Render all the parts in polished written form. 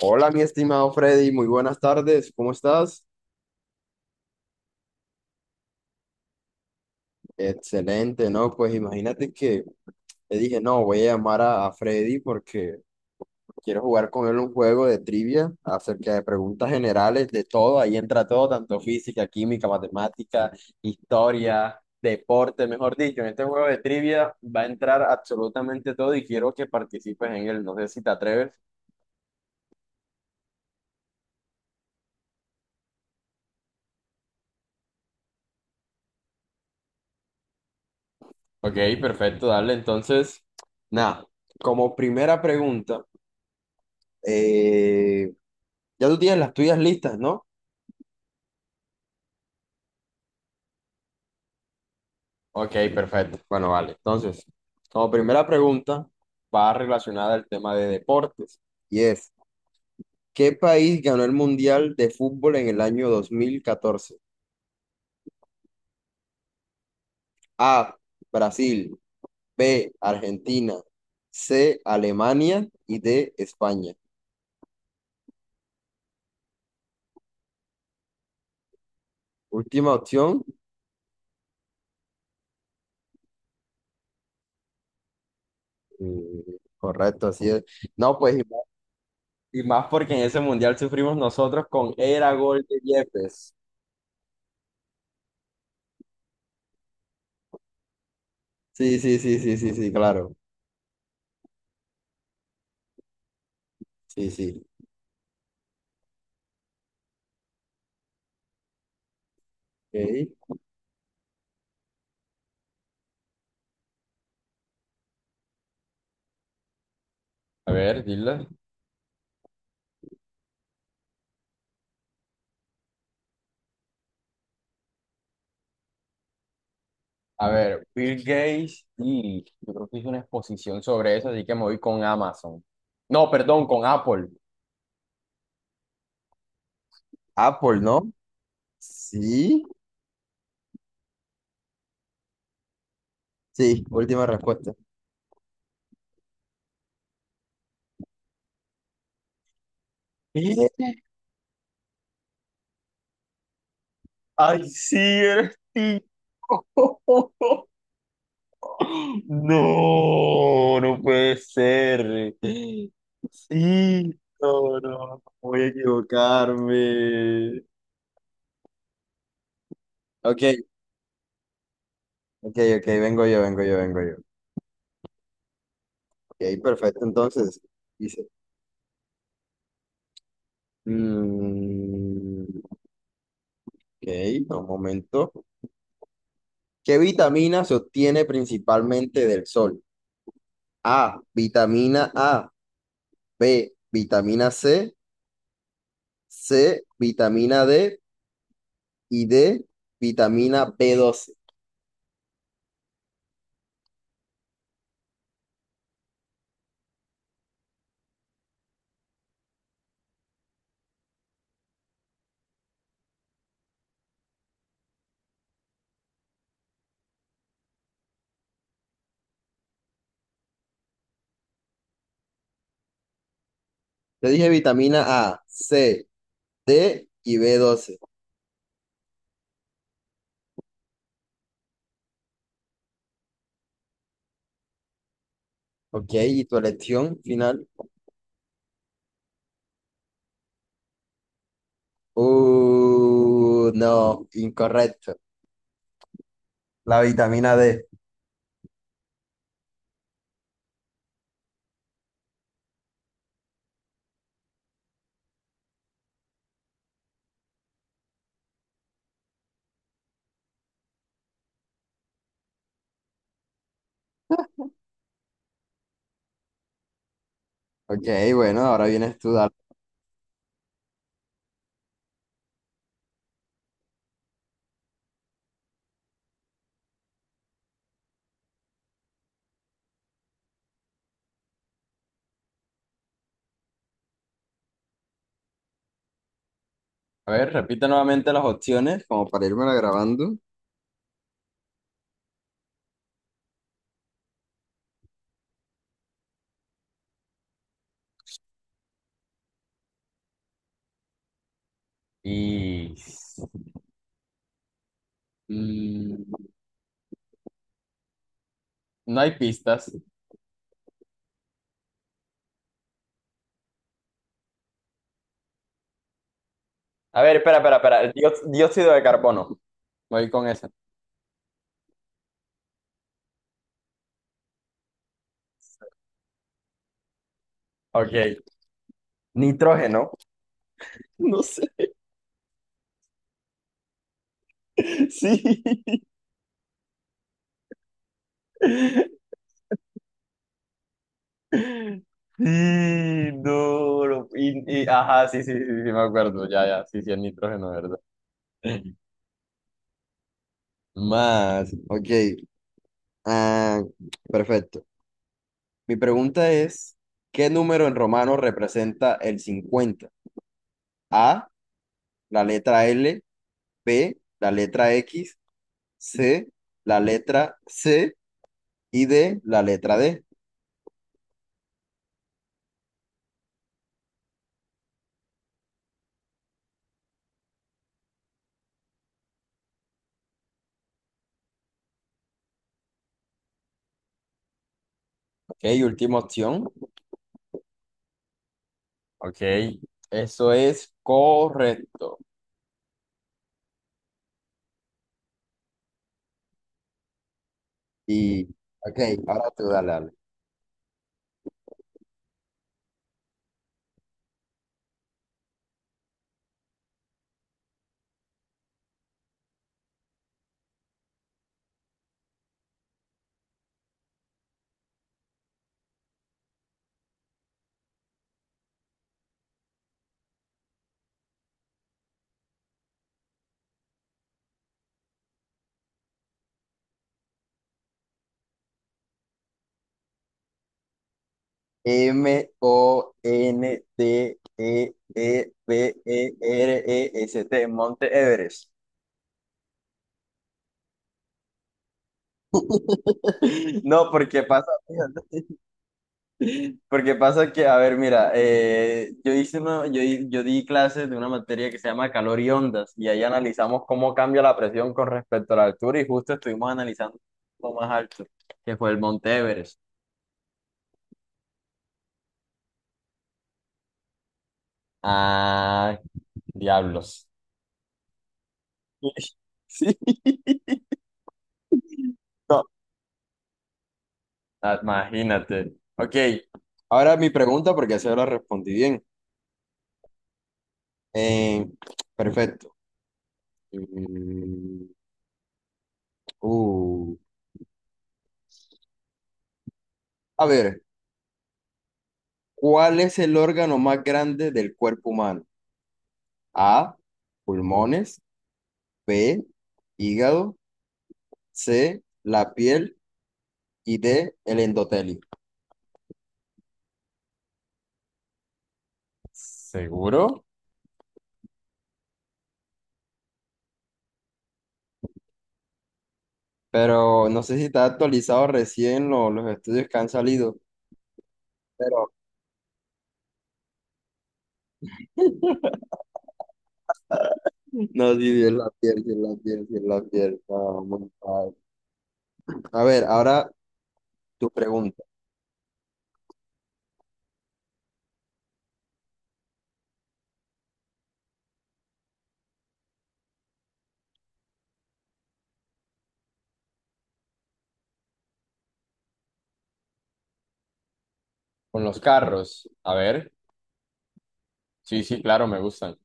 Hola, mi estimado Freddy, muy buenas tardes, ¿cómo estás? Excelente, ¿no? Pues imagínate que le dije, no, voy a llamar a Freddy porque quiero jugar con él un juego de trivia acerca de preguntas generales de todo, ahí entra todo, tanto física, química, matemática, historia, deporte, mejor dicho, en este juego de trivia va a entrar absolutamente todo y quiero que participes en él, no sé si te atreves. Ok, perfecto, dale, entonces, nada, como primera pregunta. Eh, ya tú tienes las tuyas listas, ¿no? Ok, perfecto. Bueno, vale. Entonces, como primera pregunta, va relacionada al tema de deportes. Y es, ¿qué país ganó el Mundial de Fútbol en el año 2014? A, Brasil. B, Argentina. C, Alemania. Y D, España. Última opción. Mm. Correcto, así es. No, pues, y más porque en ese Mundial sufrimos nosotros con era gol de Yepes. Sí, sí, sí, sí, sí, sí, claro. Sí, sí. Ok. A ver, dile. A ver, Bill Gates, y yo creo que hizo una exposición sobre eso, así que me voy con Amazon. No, perdón, con Apple. Apple, ¿no? Sí. Sí, última respuesta. ¿Eh? Ay, sí, eres tío. No, no puede ser. Sí, no, no, no voy a equivocarme. Ok, ok, ok, vengo yo, vengo yo, vengo yo. Y ahí perfecto, entonces dice, mm, ok, no, un momento. ¿Qué vitamina se obtiene principalmente del sol? A, vitamina A, B, vitamina C, C, vitamina D y D, vitamina B12. Te dije vitamina A, C, D y B12. Ok, ¿y tu elección final? No, incorrecto. La vitamina D. Ok, bueno, ahora vienes tú, dale. A ver, repite nuevamente las opciones como para irme grabando. Y... mm, no hay pistas. A ver, espera, espera, espera. El dióxido de carbono. Voy con esa. Ok. Nitrógeno. No sé. Sí. Sí, duro. Y, ajá, sí, sí, sí, sí, me acuerdo. Ya, ya, sí, sí, el nitrógeno, ¿verdad? Más. Ok. Ah, perfecto. Mi pregunta es, ¿qué número en romano representa el 50? A, la letra L, B, la letra X, C, la letra C y D, la letra D. Ok, última opción. Ok, eso es correcto. Y, ok, ahora tú dale, dale. M, O, N, T, E, E, B, E, R, E, S, T, Monte Everest. No, porque pasa. Porque pasa que, a ver, mira, yo di clases de una materia que se llama calor y ondas, y ahí analizamos cómo cambia la presión con respecto a la altura, y justo estuvimos analizando lo más alto, que fue el Monte Everest. Ah, diablos. Sí, no, ah, imagínate. Ok, ahora mi pregunta, porque así la respondí bien. Eh, perfecto. Mm, uh, a ver. ¿Cuál es el órgano más grande del cuerpo humano? A, pulmones, B, hígado, C, la piel y D, el endotelio. ¿Seguro? Pero no sé si está actualizado recién los estudios que han salido, pero no, sí, sí, es la piel, sí, es la piel, sí, es la piel. No, muy mal. A ver, ahora tu pregunta. Con los carros. A ver. Sí, sí, claro, me gustan.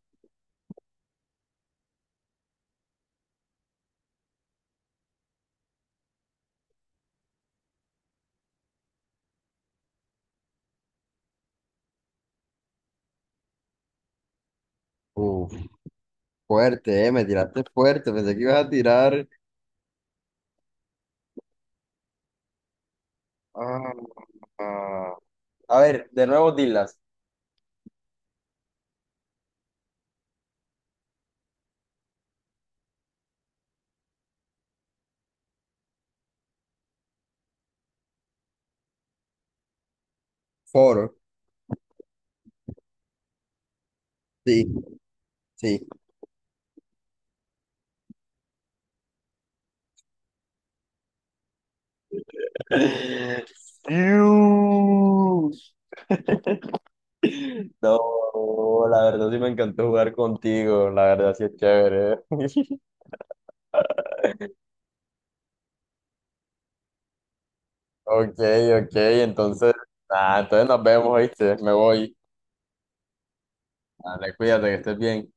Uf, fuerte, me tiraste fuerte, pensé que ibas a tirar. Ah, ah. A ver, de nuevo dilas. Foro. Sí, sí. Fiu. No, la verdad sí me encantó jugar contigo, la verdad sí es chévere. ¿Eh? Ok, ok, entonces, ah, entonces nos vemos, ¿viste? Me voy. Dale, cuídate, que estés bien.